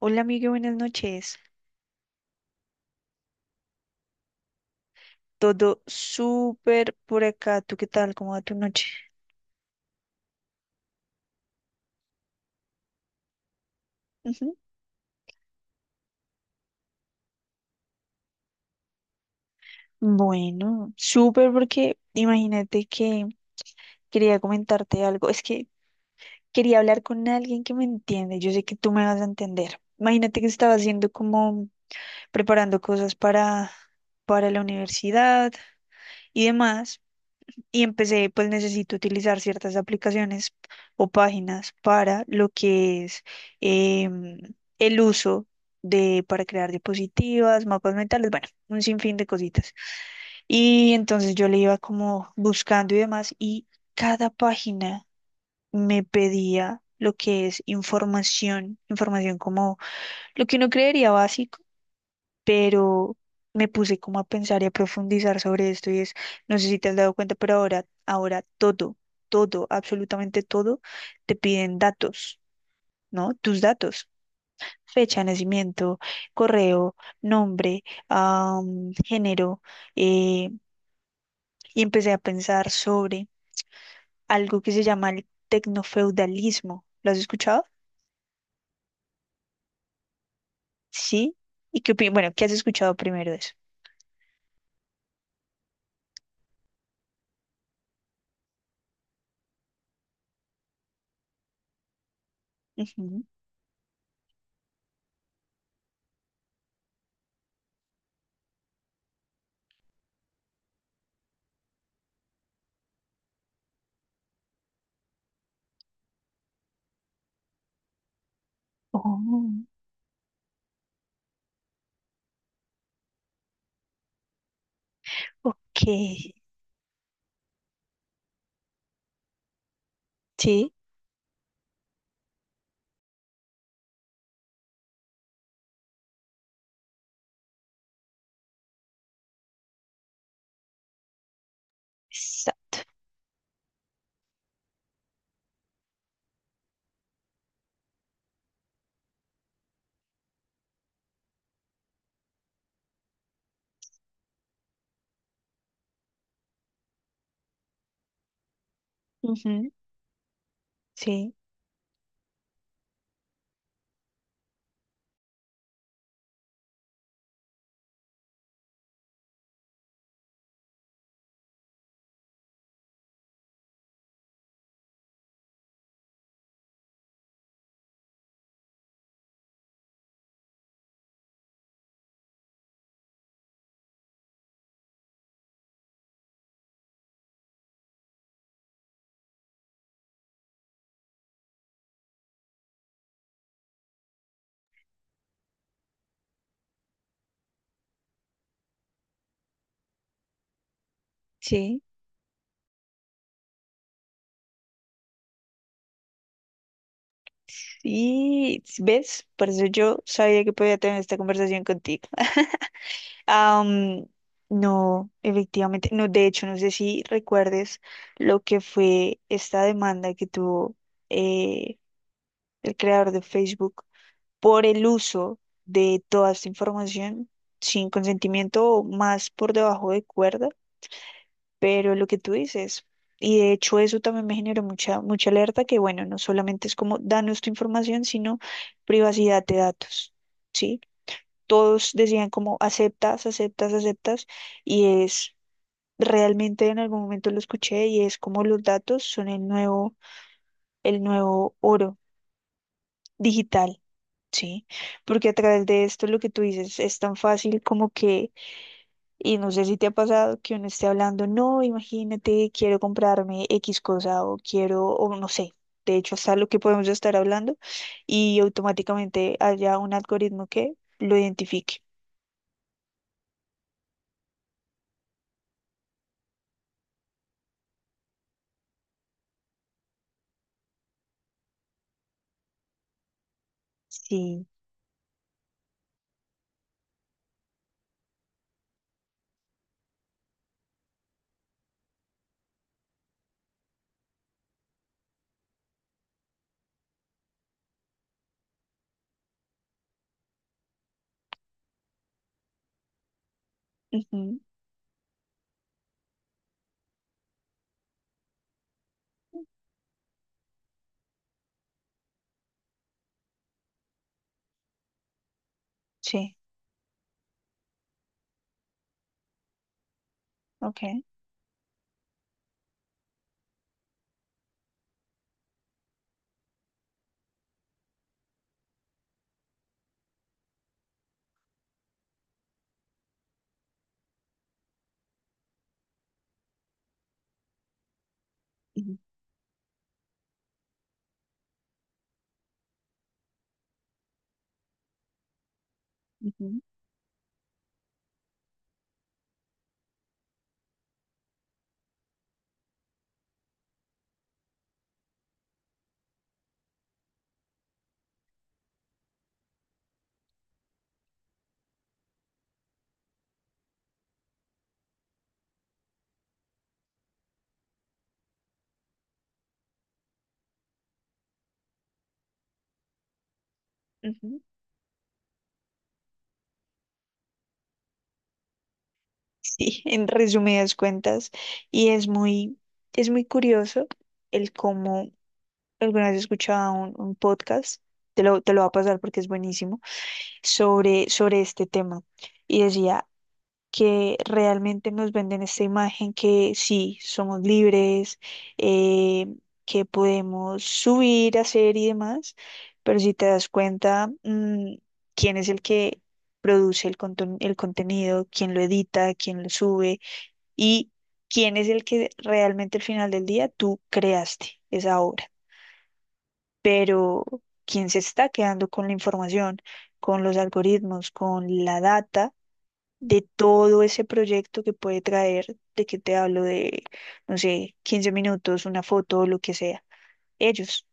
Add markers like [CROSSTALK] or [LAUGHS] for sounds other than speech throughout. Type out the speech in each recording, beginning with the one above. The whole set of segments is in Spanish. Hola, amigo, buenas noches. Todo súper por acá. ¿Tú qué tal? ¿Cómo va tu noche? Ujú. Bueno, súper porque imagínate que quería comentarte algo. Es que quería hablar con alguien que me entiende. Yo sé que tú me vas a entender. Imagínate que estaba haciendo como preparando cosas para la universidad y demás. Y empecé, pues necesito utilizar ciertas aplicaciones o páginas para lo que es em, el uso para crear diapositivas, mapas mentales, bueno, un sinfín de cositas. Y entonces yo le iba como buscando y demás, y cada página me pedía lo que es información, información como lo que uno creería básico, pero me puse como a pensar y a profundizar sobre esto, y es, no sé si te has dado cuenta, pero ahora todo, todo, absolutamente todo, te piden datos, ¿no? Tus datos, fecha de nacimiento, correo, nombre, género, eh, y empecé a pensar sobre algo que se llama el tecnofeudalismo. ¿Lo has escuchado? Sí. ¿Y qué opinas? Bueno, ¿qué has escuchado primero de eso? Ujú. Oh, ok. Sí, exacto. Ujú, sí, sí. Y ves, por eso yo sabía que podía tener esta conversación contigo. [LAUGHS] Am, no, efectivamente, no, de hecho, no sé si recuerdes lo que fue esta demanda que tuvo eh, el creador de Facebook por el uso de toda esta información sin consentimiento o más por debajo de cuerda. Pero lo que tú dices, y de hecho eso también me generó mucha, mucha alerta, que bueno, no solamente es como danos tu información, sino privacidad de datos, ¿sí? Todos decían como aceptas, aceptas, aceptas, y es realmente en algún momento lo escuché y es como los datos son el nuevo, oro digital, ¿sí? Porque a través de esto lo que tú dices es tan fácil como que. Y no sé si te ha pasado que uno esté hablando, no, imagínate, quiero comprarme X cosa o quiero, o no sé, de hecho hasta lo que podemos estar hablando y automáticamente haya un algoritmo que lo identifique. Sí, ujú, sí, ok, ujú, ujú, ujú. Sí, [LAUGHS] en resumidas cuentas, y es muy, curioso el cómo alguna vez escuchaba un podcast, te lo va a pasar porque es buenísimo sobre este tema y decía que realmente nos venden esta imagen que sí, somos libres, eh, que podemos subir, hacer y demás, pero si te das cuenta, quién es el que produce el contenido, quién lo edita, quién lo sube y quién es el que realmente al final del día tú creaste esa obra, pero quien se está quedando con la información, con los algoritmos, con la data de todo ese proyecto que puede traer, de que te hablo de, no sé, 15 minutos, una foto o lo que sea, ellos,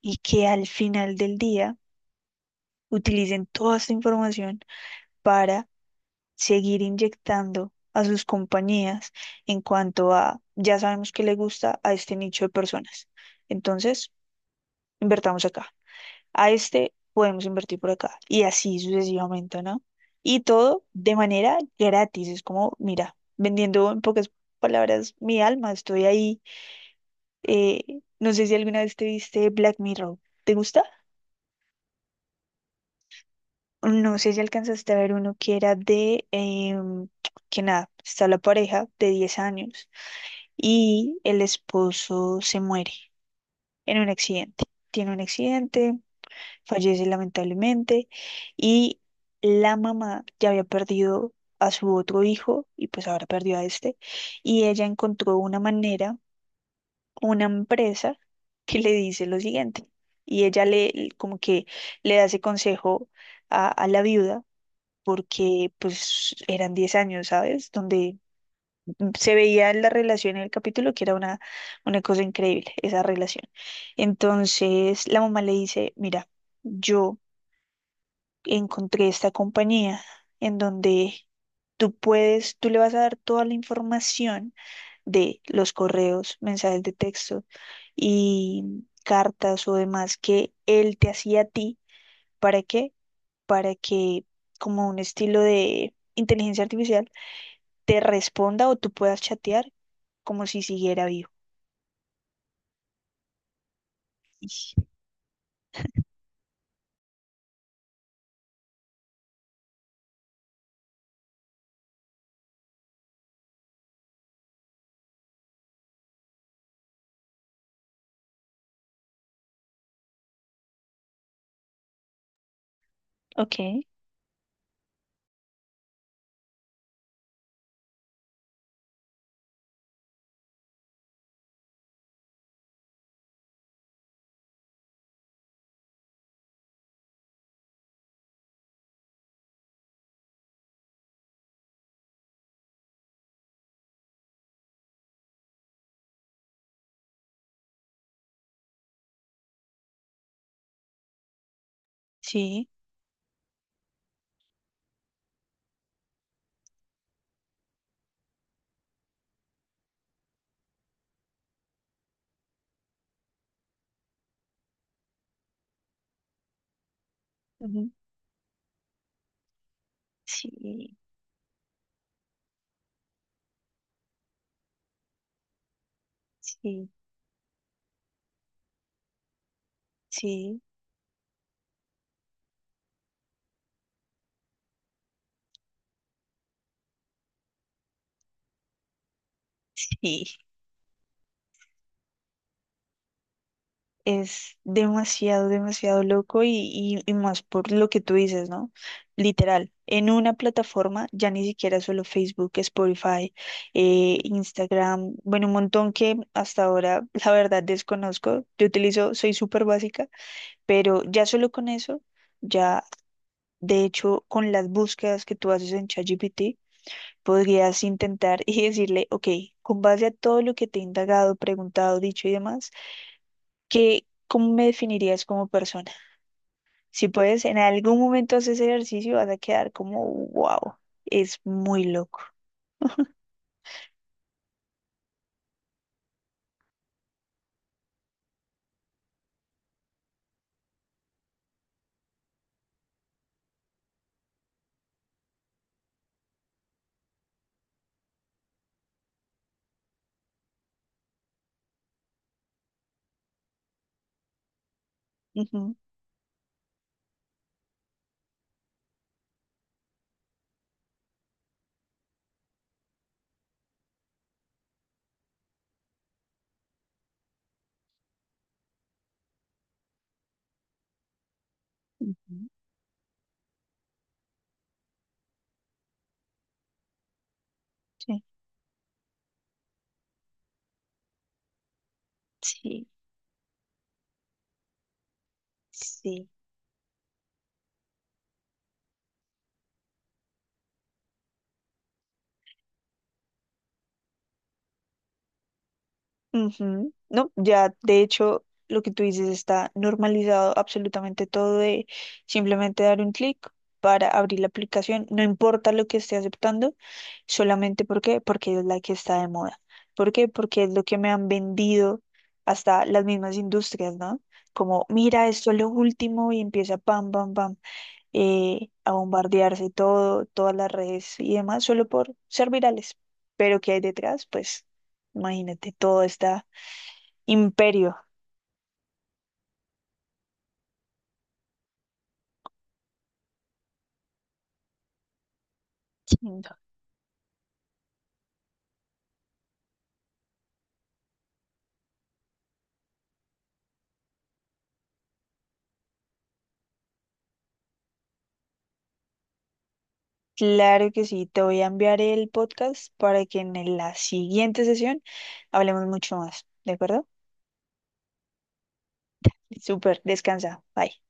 y que al final del día utilicen toda esta información para seguir inyectando a sus compañías en cuanto a, ya sabemos que le gusta a este nicho de personas. Entonces, invertamos acá, a este podemos invertir por acá y así sucesivamente, ¿no? Y todo de manera gratis, es como, mira, vendiendo en pocas palabras mi alma, estoy ahí. No sé si alguna vez te viste Black Mirror, ¿te gusta? No sé si alcanzaste a ver uno que era que nada, está la pareja de 10 años y el esposo se muere en un accidente. Tiene un accidente, fallece lamentablemente y la mamá ya había perdido a su otro hijo y pues ahora perdió a este, y ella encontró una manera, una empresa que le dice lo siguiente, y ella le como que le da ese consejo a, la viuda, porque pues eran 10 años, ¿sabes? Donde se veía la relación en el capítulo que era una cosa increíble, esa relación. Entonces la mamá le dice, mira, yo encontré esta compañía en donde tú puedes, tú le vas a dar toda la información de los correos, mensajes de texto y cartas o demás que él te hacía a ti. ¿Para qué? Para que como un estilo de inteligencia artificial te responda o tú puedas chatear como si siguiera vivo. Ish, ok, sí, ujú, sí, sí, sí, sí. Es demasiado, demasiado loco y más por lo que tú dices, ¿no? Literal, en una plataforma, ya ni siquiera solo Facebook, Spotify, Instagram, bueno, un montón que hasta ahora, [LAUGHS] la verdad, desconozco. Yo utilizo, soy súper básica, pero ya solo con eso, ya, de hecho, con las búsquedas que tú haces en ChatGPT, podrías intentar [LAUGHS] y decirle, ok, con base a todo lo que te he indagado, preguntado, dicho y demás, ¿qué, cómo me definirías como persona? Si puedes, en algún momento haces ejercicio, vas a quedar como, wow, es muy loco. Ujú, ujú, sí, sí, sí. Ujú. No, ya, de hecho, lo que tú dices está normalizado absolutamente todo de simplemente dar un clic para abrir la aplicación, no importa lo que esté aceptando solamente porque es la que está de moda. ¿Por qué? Porque es lo que me han vendido hasta las mismas industrias, ¿no? Como, mira, esto es lo último y empieza pam, pam, pam, a bombardearse todo, todas las redes y demás, solo por ser virales. Pero ¿qué hay detrás? Pues imagínate, todo está imperio. Entiendo. Claro que sí, te voy a enviar el podcast para que en la siguiente sesión hablemos mucho más, ¿de acuerdo? Súper, descansa. Bye.